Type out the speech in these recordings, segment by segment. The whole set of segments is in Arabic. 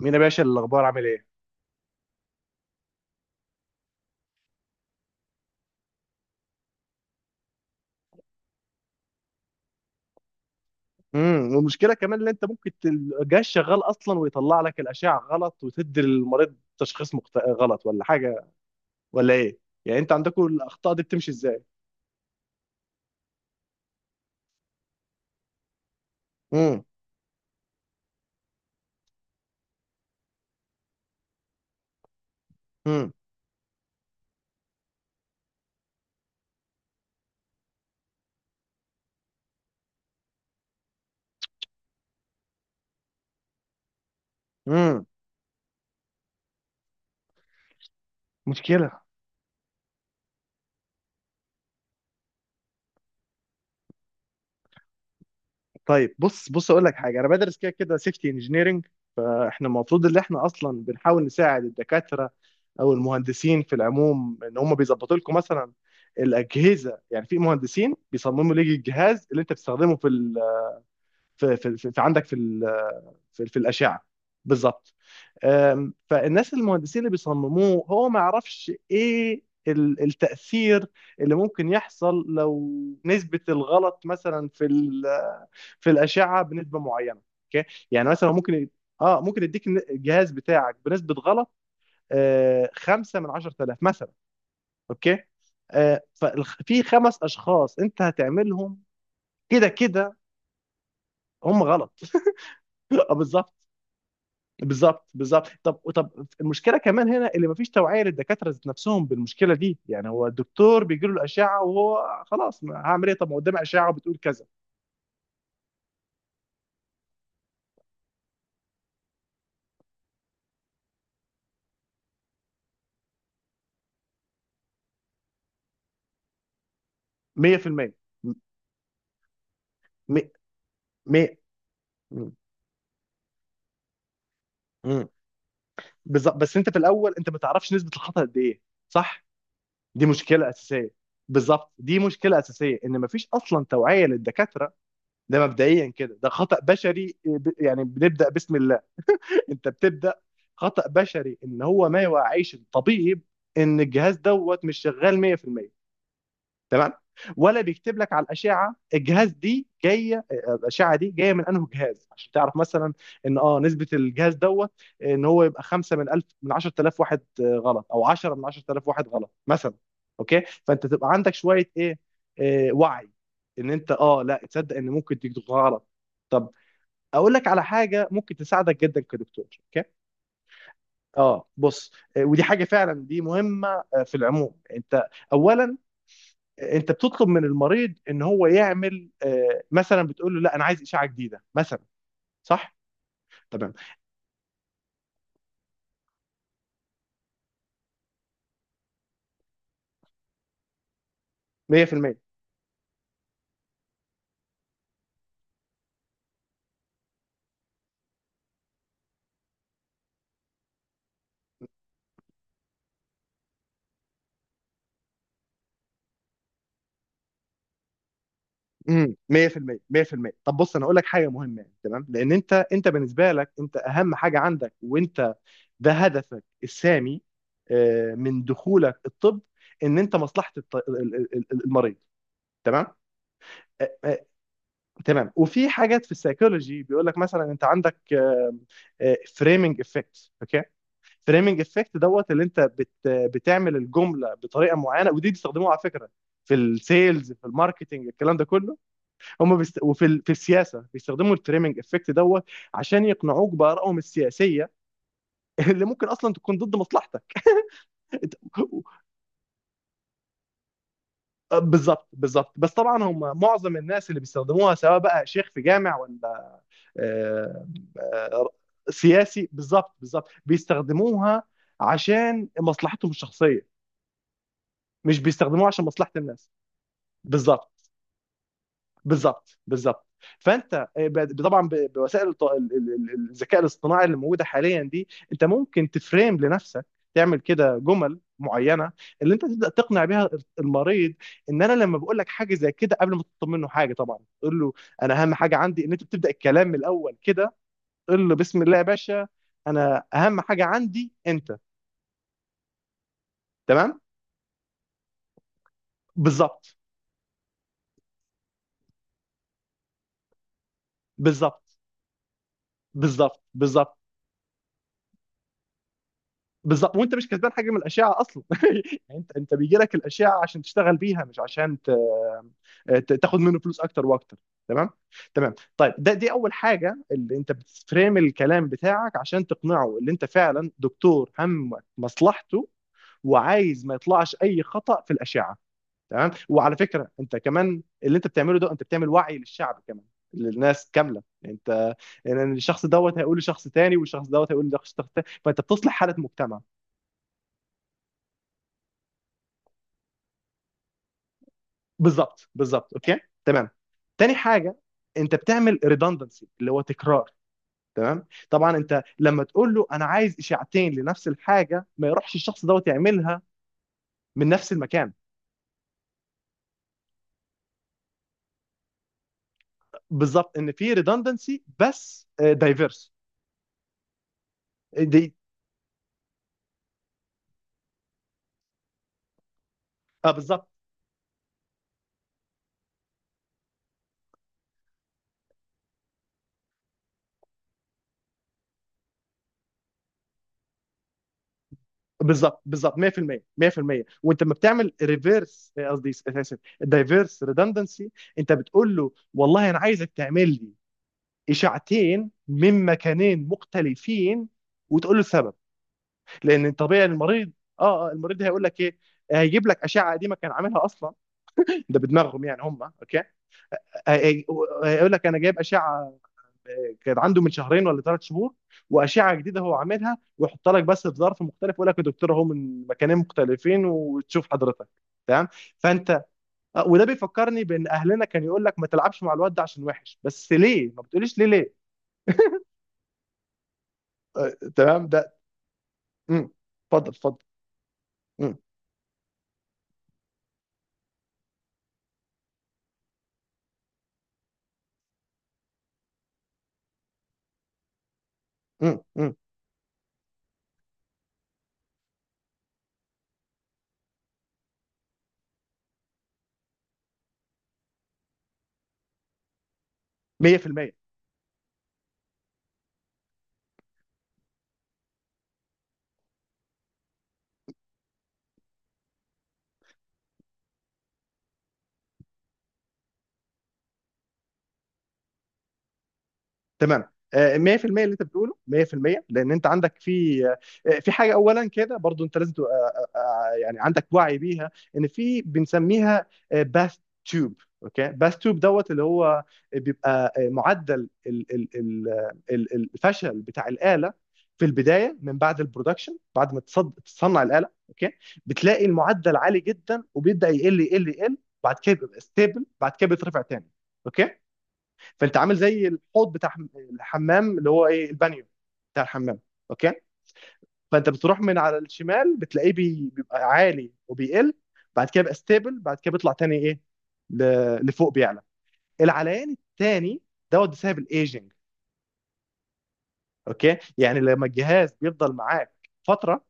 مين يا باشا؟ الاخبار عامل ايه؟ والمشكله كمان ان انت ممكن الجهاز شغال اصلا ويطلع لك الاشعه غلط وتدي للمريض تشخيص غلط ولا حاجه ولا ايه؟ يعني انت عندكم الاخطاء دي بتمشي ازاي؟ امم. امم. امم. مشكله. طيب بص بص، اقول لك حاجه. انا بدرس كده كده سيفتي انجينيرنج. فاحنا المفروض ان احنا اصلا بنحاول نساعد الدكاتره او المهندسين في العموم، ان هم بيظبطوا لكم مثلا الاجهزه. يعني في مهندسين بيصمموا لك الجهاز اللي انت بتستخدمه في في في في عندك في في, في الاشعه. بالظبط. فالناس، المهندسين اللي بيصمموه، هو ما يعرفش ايه التأثير اللي ممكن يحصل لو نسبة الغلط مثلا في الأشعة بنسبة معينة، اوكي؟ يعني مثلا ممكن اه ممكن يديك الجهاز بتاعك بنسبة غلط، 5 من 10000 مثلا، اوكي؟ ففي خمس اشخاص انت هتعملهم كده كده هم غلط. بالظبط بالظبط بالظبط. طب، المشكله كمان هنا اللي مفيش توعيه للدكاتره ذات نفسهم بالمشكله دي. يعني هو الدكتور بيجي له الاشعه وهو خلاص، ما هعمل ايه؟ طب ما قدامي اشعه وبتقول كذا. 100%. م- م- م- مية م- م. بالظبط. بس انت في الاول انت ما تعرفش نسبه الخطا قد ايه. صح؟ دي مشكله اساسيه. بالظبط، دي مشكله اساسيه، ان مفيش اصلا توعيه للدكاتره. ده مبدئيا كده ده خطا بشري، يعني بنبدا بسم الله. انت بتبدا. خطا بشري ان هو ما يوعيش الطبيب ان الجهاز دوت مش شغال 100%. تمام. ولا بيكتب لك على الاشعه الجهاز، دي جايه، الاشعه دي جايه من انه جهاز، عشان تعرف مثلا ان نسبه الجهاز دوت، ان هو يبقى 5 من 1000 من 10000 واحد غلط، او 10 من 10000 واحد غلط مثلا. اوكي؟ فانت تبقى عندك شويه ايه. وعي، ان انت لا تصدق ان ممكن تكتب غلط. طب اقول لك على حاجه ممكن تساعدك جدا كدكتور. اه بص، ودي حاجه فعلا دي مهمه. في العموم انت، اولا، انت بتطلب من المريض ان هو يعمل، مثلا بتقول له لا انا عايز اشعه جديده مثلا. صح؟ تمام. 100%. 100%. 100%. طب بص انا اقول لك حاجه مهمه يعني، تمام، لان انت بالنسبه لك انت اهم حاجه عندك وانت، ده هدفك السامي. من دخولك الطب، ان انت مصلحه المريض. تمام. آه، آه، تمام. وفي حاجات في السيكولوجي بيقول لك مثلا انت عندك فريمنج افكت، اوكي؟ فريمنج افكت دوت، اللي انت بتعمل الجمله بطريقه معينه. ودي بيستخدموها على فكره في السيلز، في الماركتنج، الكلام ده كله، في السياسه بيستخدموا الفريمنج افكت دوت عشان يقنعوك بارائهم السياسيه. اللي ممكن اصلا تكون ضد مصلحتك. انت- بالظبط بالظبط. بس طبعا هم معظم الناس اللي بيستخدموها، سواء بقى شيخ في جامع ولا آه، آه، سياسي، بالظبط. بالظبط بيستخدموها عشان مصلحتهم الشخصيه، مش بيستخدموها عشان مصلحه الناس. بالظبط بالظبط بالظبط. فانت، طبعا، بوسائل الذكاء الاصطناعي اللي موجوده حاليا دي، انت ممكن تفريم لنفسك، تعمل كده جمل معينه اللي انت تبدا تقنع بيها المريض. ان انا لما بقول لك حاجه زي كده قبل ما تطلب منه حاجه، طبعا تقول له انا اهم حاجه عندي ان انت، بتبدا الكلام من الاول كده. قل له بسم الله يا باشا، انا اهم حاجه عندي انت. تمام. بالظبط بالظبط بالظبط بالظبط بالظبط. وانت مش كسبان حاجه من الاشعه اصلا. يعني انت، بيجي لك الاشعه عشان تشتغل بيها، مش عشان تاخد منه فلوس اكتر واكتر. تمام. تمام. طيب، دي اول حاجه، اللي انت بتفريم الكلام بتاعك عشان تقنعه اللي انت فعلا دكتور همك مصلحته، وعايز ما يطلعش اي خطأ في الاشعه. تمام. وعلى فكره انت كمان اللي انت بتعمله ده، انت بتعمل وعي للشعب كمان، للناس كامله انت. يعني الشخص دوت هيقول لشخص تاني والشخص دوت هيقول لشخص تاني، فانت بتصلح حاله مجتمع. بالظبط بالظبط، اوكي؟ تمام. تاني حاجه، انت بتعمل ريدندنسي اللي هو تكرار. تمام. طبعا انت لما تقول له انا عايز اشاعتين لنفس الحاجه، ما يروحش الشخص دوت يعملها من نفس المكان. بالظبط، ان في ريدندنسي بس دايفيرس دي. اه بالظبط بالظبط بالظبط، 100%. 100%. وانت لما بتعمل ريفيرس، قصدي اسف، دايفيرس ريدندنسي، انت بتقول له والله انا عايزك تعمل لي اشاعتين من مكانين مختلفين، وتقول له السبب. لان طبيعي المريض، المريض هيقول لك ايه. هيجيب لك اشعه قديمه كان عاملها اصلا، ده بدماغهم يعني هم، اوكي؟ هي- هيقول لك انا جايب اشعه كان عنده من شهرين ولا ثلاث شهور، واشعه جديده هو عاملها، ويحط لك بس في ظرف مختلف، ويقول لك يا دكتور اهو من مكانين مختلفين وتشوف حضرتك. تمام. فانت، وده بيفكرني بان اهلنا كان يقول لك ما تلعبش مع الواد ده عشان وحش، بس ليه ما بتقوليش ليه ليه؟ آه، تمام. ده. مم. اتفضل اتفضل. مم. مم. مم. 100%. تمام. 100% اللي انت بتقوله 100%. لان انت عندك في، في حاجه اولا كده برضو، انت لازم تبقى، يعني عندك وعي بيها، ان في بنسميها، باث تيوب، اوكي؟ باث تيوب دوت، اللي هو بيبقى معدل الفشل بتاع الاله، في البدايه من بعد البرودكشن، بعد ما تصنع الاله، اوكي؟ بتلاقي المعدل عالي جدا وبيبدا يقل يقل يقل. بعد كده بيبقى ستيبل، بعد كده بيترفع تاني. اوكي. فانت عامل زي الحوض بتاع الحمام، اللي هو ايه، البانيو بتاع الحمام، اوكي؟ فانت بتروح من على الشمال، بتلاقيه بيبقى عالي وبيقل، بعد كده بيبقى ستيبل، بعد كده بيطلع تاني ايه، لفوق، بيعلى العليان التاني دوت، بسبب الايجنج. اوكي. يعني لما الجهاز بيفضل معاك فتره،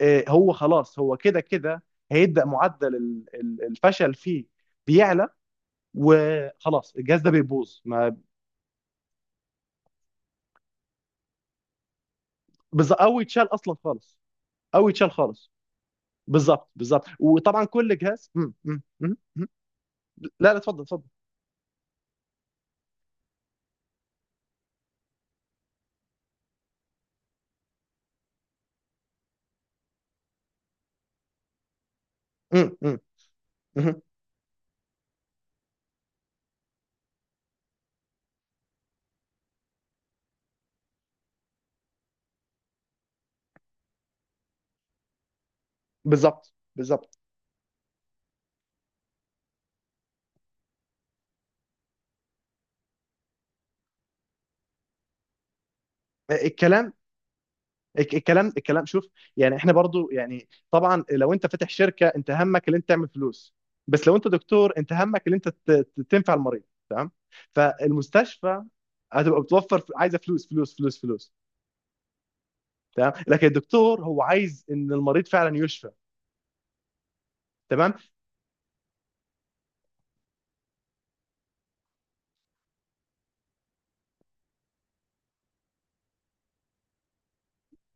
هو خلاص، هو كده كده هيبدا معدل الفشل فيه بيعلى، وخلاص الجهاز ده بيبوظ ما. او يتشال اصلا خالص، او يتشال خالص. بالظبط بالظبط. وطبعا كل جهاز. مم، مم، مم، مم. لا، لا، اتفضل اتفضل. مم، مم، مم. بالظبط بالظبط. الكلام الك- الكلام الكلام، شوف. يعني احنا برضو، يعني طبعا لو انت فاتح شركه انت همك اللي انت تعمل فلوس، بس لو انت دكتور انت همك اللي انت تنفع المريض. تمام. فالمستشفى هتبقى بتوفر، عايزه فلوس فلوس فلوس فلوس. تمام. لكن الدكتور هو عايز ان المريض فعلا يشفى. تمام.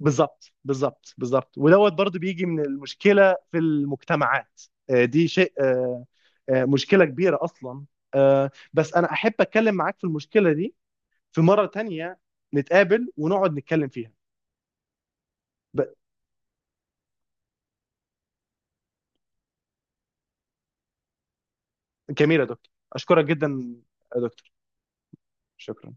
بالظبط بالظبط بالظبط. ودوت برضو بيجي من المشكله في المجتمعات، دي شيء، مشكله كبيره اصلا. بس انا احب اتكلم معاك في المشكله دي في مره تانية، نتقابل ونقعد نتكلم فيها. ب- جميل يا دكتور، اشكرك جدا يا دكتور. شكرا.